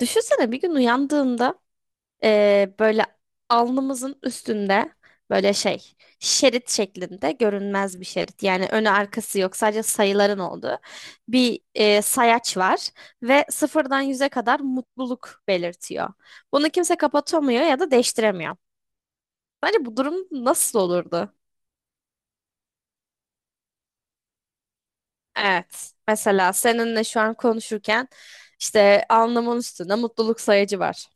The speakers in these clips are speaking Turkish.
Düşünsene bir gün uyandığında böyle alnımızın üstünde böyle şey şerit şeklinde görünmez bir şerit. Yani önü arkası yok, sadece sayıların olduğu bir sayaç var ve sıfırdan yüze kadar mutluluk belirtiyor. Bunu kimse kapatamıyor ya da değiştiremiyor. Bence bu durum nasıl olurdu? Evet. Mesela seninle şu an konuşurken işte alnımın üstünde mutluluk sayacı var.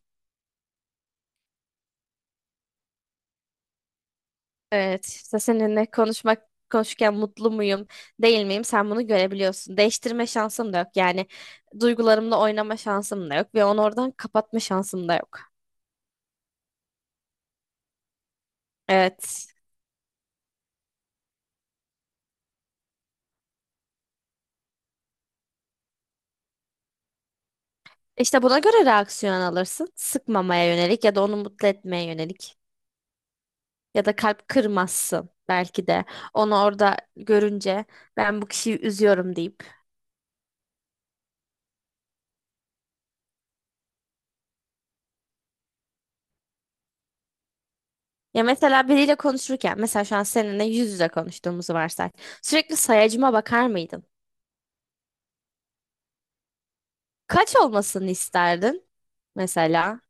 Evet, işte seninle konuşurken mutlu muyum, değil miyim? Sen bunu görebiliyorsun. Değiştirme şansım da yok. Yani duygularımla oynama şansım da yok ve onu oradan kapatma şansım da yok. Evet. İşte buna göre reaksiyon alırsın. Sıkmamaya yönelik ya da onu mutlu etmeye yönelik. Ya da kalp kırmazsın belki de. Onu orada görünce ben bu kişiyi üzüyorum deyip. Ya mesela biriyle konuşurken, mesela şu an seninle yüz yüze konuştuğumuzu varsay. Sürekli sayacıma bakar mıydın? Kaç olmasını isterdin? Mesela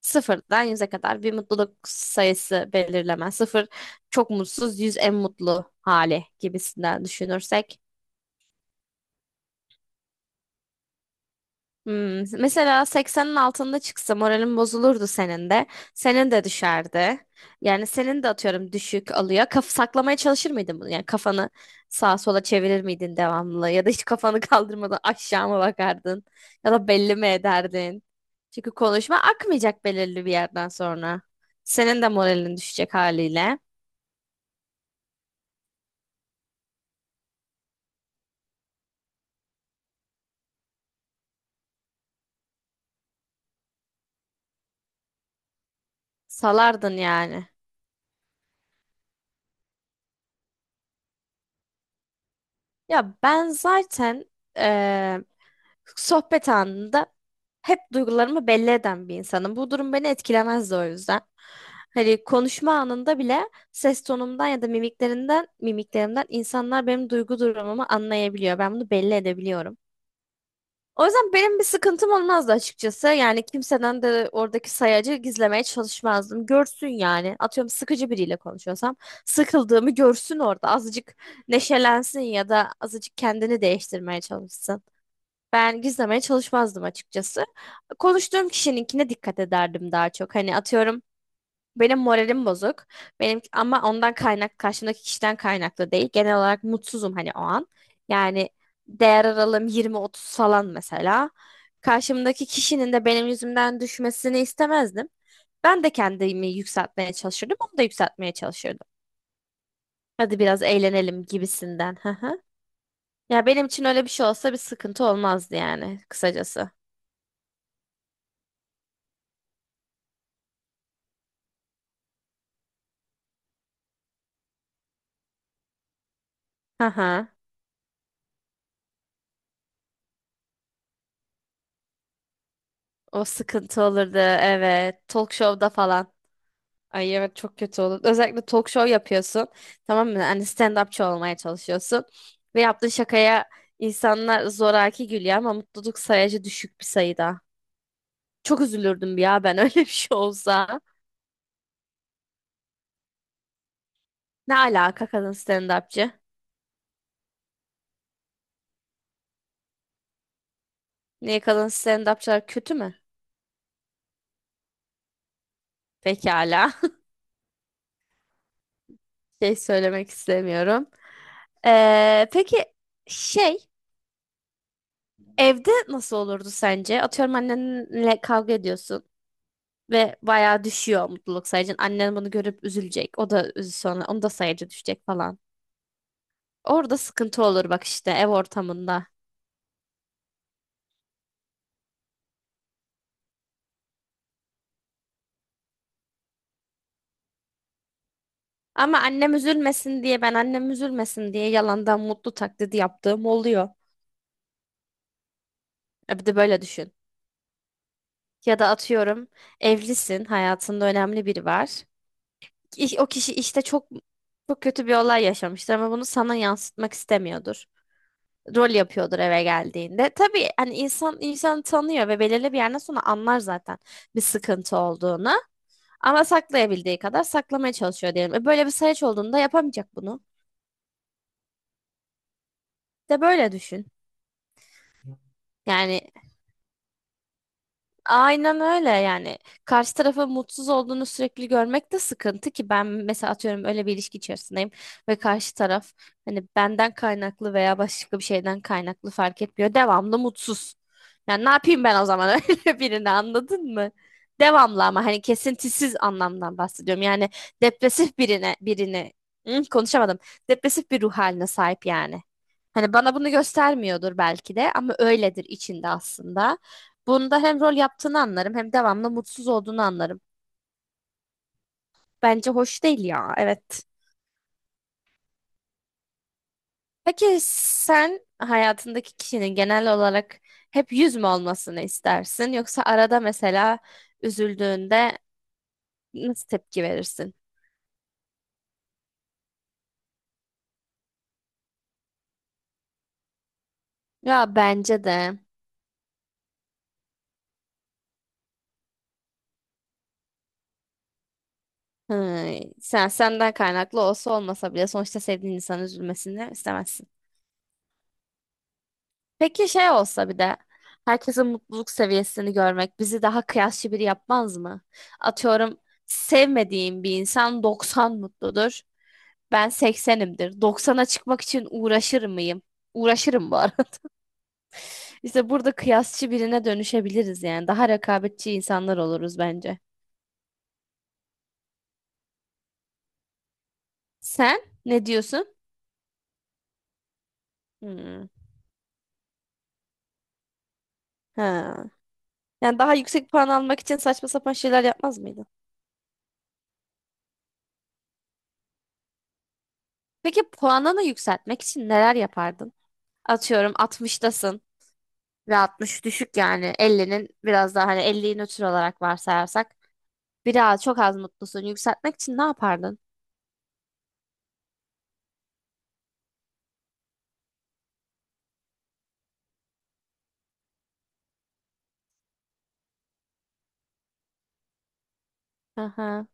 sıfırdan yüze kadar bir mutluluk sayısı belirleme. Sıfır çok mutsuz, yüz en mutlu hali gibisinden düşünürsek. Hmm, mesela 80'in altında çıksa moralin bozulurdu senin de. Senin de düşerdi. Yani senin de atıyorum düşük alıyor. Saklamaya çalışır mıydın bunu? Yani kafanı sağa sola çevirir miydin devamlı? Ya da hiç kafanı kaldırmadan aşağı mı bakardın? Ya da belli mi ederdin? Çünkü konuşma akmayacak belirli bir yerden sonra. Senin de moralin düşecek haliyle. Salardın yani. Ya ben zaten eee, sohbet anında hep duygularımı belli eden bir insanım. Bu durum beni etkilemezdi o yüzden. Hani konuşma anında bile ses tonumdan ya da mimiklerimden insanlar benim duygu durumumu anlayabiliyor. Ben bunu belli edebiliyorum. O yüzden benim bir sıkıntım olmazdı açıkçası. Yani kimseden de oradaki sayacı gizlemeye çalışmazdım. Görsün yani. Atıyorum sıkıcı biriyle konuşuyorsam sıkıldığımı görsün orada. Azıcık neşelensin ya da azıcık kendini değiştirmeye çalışsın. Ben gizlemeye çalışmazdım açıkçası. Konuştuğum kişininkine dikkat ederdim daha çok. Hani atıyorum benim moralim bozuk. Benim ama ondan kaynak karşımdaki kişiden kaynaklı değil. Genel olarak mutsuzum hani o an. Yani değer aralığım 20-30 falan mesela. Karşımdaki kişinin de benim yüzümden düşmesini istemezdim. Ben de kendimi yükseltmeye çalışırdım, onu da yükseltmeye çalışırdım. Hadi biraz eğlenelim gibisinden. Hı hı. Ya benim için öyle bir şey olsa bir sıkıntı olmazdı yani kısacası. Hı hı. O sıkıntı olurdu, evet. Talk show'da falan. Ay evet, çok kötü olur. Özellikle talk show yapıyorsun. Tamam mı? Hani stand-upçı olmaya çalışıyorsun. Ve yaptığın şakaya insanlar zoraki gülüyor ama mutluluk sayacı düşük bir sayıda. Çok üzülürdüm ya ben öyle bir şey olsa. Ne alaka kadın stand-upçı? Niye, kadın stand-upçılar kötü mü? Pekala. Şey söylemek istemiyorum. Peki şey evde nasıl olurdu sence? Atıyorum annenle kavga ediyorsun. Ve bayağı düşüyor mutluluk sayacın. Annen bunu görüp üzülecek. O da sonra onu da sayacı düşecek falan. Orada sıkıntı olur bak işte ev ortamında. Ama annem üzülmesin diye, ben annem üzülmesin diye yalandan mutlu taklidi yaptığım oluyor. E bir de böyle düşün. Ya da atıyorum evlisin, hayatında önemli biri var. O kişi işte çok kötü bir olay yaşamıştır ama bunu sana yansıtmak istemiyordur. Rol yapıyordur eve geldiğinde. Tabii hani insan insanı tanıyor ve belirli bir yerden sonra anlar zaten bir sıkıntı olduğunu. Ama saklayabildiği kadar saklamaya çalışıyor diyelim. E böyle bir sayaç olduğunda yapamayacak bunu. De böyle düşün. Yani aynen öyle yani. Karşı tarafın mutsuz olduğunu sürekli görmek de sıkıntı. Ki ben mesela atıyorum öyle bir ilişki içerisindeyim ve karşı taraf hani benden kaynaklı veya başka bir şeyden kaynaklı fark etmiyor, devamlı mutsuz. Yani ne yapayım ben o zaman öyle birini, anladın mı? Devamlı, ama hani kesintisiz anlamdan bahsediyorum. Yani depresif birini. Hı, konuşamadım. Depresif bir ruh haline sahip yani. Hani bana bunu göstermiyordur belki de ama öyledir içinde aslında. Bunda hem rol yaptığını anlarım, hem devamlı mutsuz olduğunu anlarım. Bence hoş değil ya, evet. Peki sen hayatındaki kişinin genel olarak hep yüz mü olmasını istersin, yoksa arada mesela üzüldüğünde nasıl tepki verirsin? Ya bence de hı, sen senden kaynaklı olsa olmasa bile sonuçta sevdiğin insanın üzülmesini istemezsin. Peki şey olsa bir de, herkesin mutluluk seviyesini görmek bizi daha kıyasçı biri yapmaz mı? Atıyorum sevmediğim bir insan 90 mutludur. Ben 80'imdir. 90'a çıkmak için uğraşır mıyım? Uğraşırım bu arada. İşte burada kıyasçı birine dönüşebiliriz yani. Daha rekabetçi insanlar oluruz bence. Sen ne diyorsun? Hmm. Ha. Yani daha yüksek puan almak için saçma sapan şeyler yapmaz mıydın? Peki puanını yükseltmek için neler yapardın? Atıyorum 60'tasın. Ve 60 düşük yani, 50'nin biraz daha, hani 50'yi nötr olarak varsayarsak biraz çok az mutlusun, yükseltmek için ne yapardın? Aha.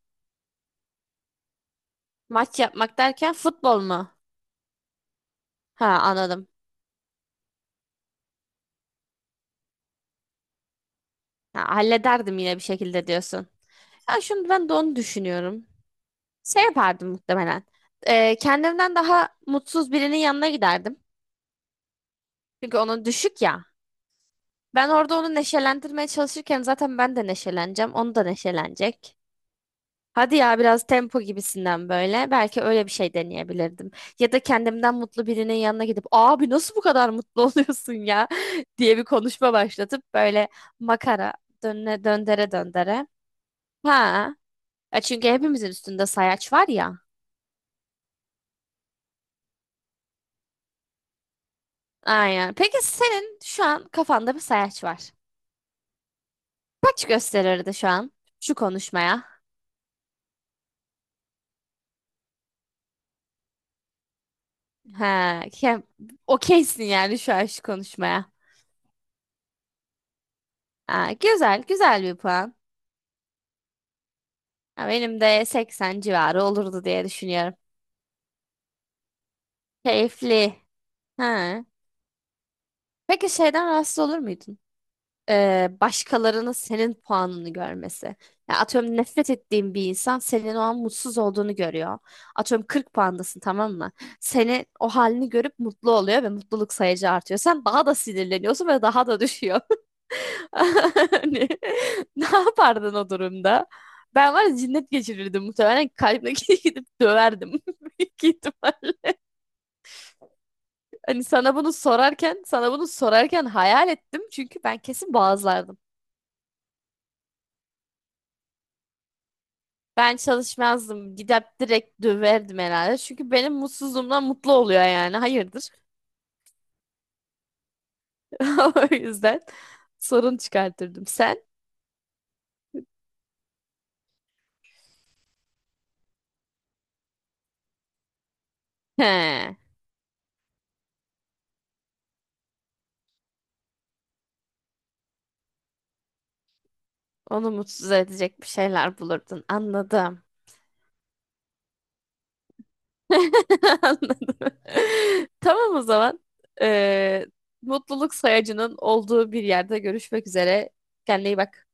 Maç yapmak derken futbol mu? Ha, anladım. Ha, hallederdim yine bir şekilde diyorsun. Ya şimdi ben de onu düşünüyorum. Şey yapardım muhtemelen. Kendimden daha mutsuz birinin yanına giderdim. Çünkü onun düşük ya. Ben orada onu neşelendirmeye çalışırken zaten ben de neşeleneceğim. Onu da neşelenecek. Hadi ya biraz tempo gibisinden böyle. Belki öyle bir şey deneyebilirdim. Ya da kendimden mutlu birinin yanına gidip abi nasıl bu kadar mutlu oluyorsun ya diye bir konuşma başlatıp, böyle makara döndere döndere. Ha. Ya çünkü hepimizin üstünde sayaç var ya. Aynen. Peki senin şu an kafanda bir sayaç var. Kaç gösterirdi şu an şu konuşmaya? Ha, ke- okeysin yani şu an şu konuşmaya. Ha, güzel, güzel bir puan. Ya benim de 80 civarı olurdu diye düşünüyorum. Keyifli. Ha. Peki şeyden rahatsız olur muydun? Başkalarının senin puanını görmesi. Ya atıyorum nefret ettiğin bir insan senin o an mutsuz olduğunu görüyor. Atıyorum 40 puandasın, tamam mı? Senin o halini görüp mutlu oluyor ve mutluluk sayıcı artıyor. Sen daha da sinirleniyorsun ve daha da düşüyor. Hani, ne yapardın o durumda? Ben var ya cinnet geçirirdim muhtemelen, kalbime gidip döverdim. Büyük ihtimal. Hani sana bunu sorarken hayal ettim. Çünkü ben kesin boğazlardım. Ben çalışmazdım. Gidip direkt döverdim herhalde. Çünkü benim mutsuzluğumdan mutlu oluyor yani. Hayırdır? O yüzden sorun çıkartırdım. Sen? He. Onu mutsuz edecek bir şeyler bulurdun. Anladım. Anladım. Tamam o zaman. Ee, Mutluluk sayacının olduğu bir yerde görüşmek üzere. Kendine iyi bak.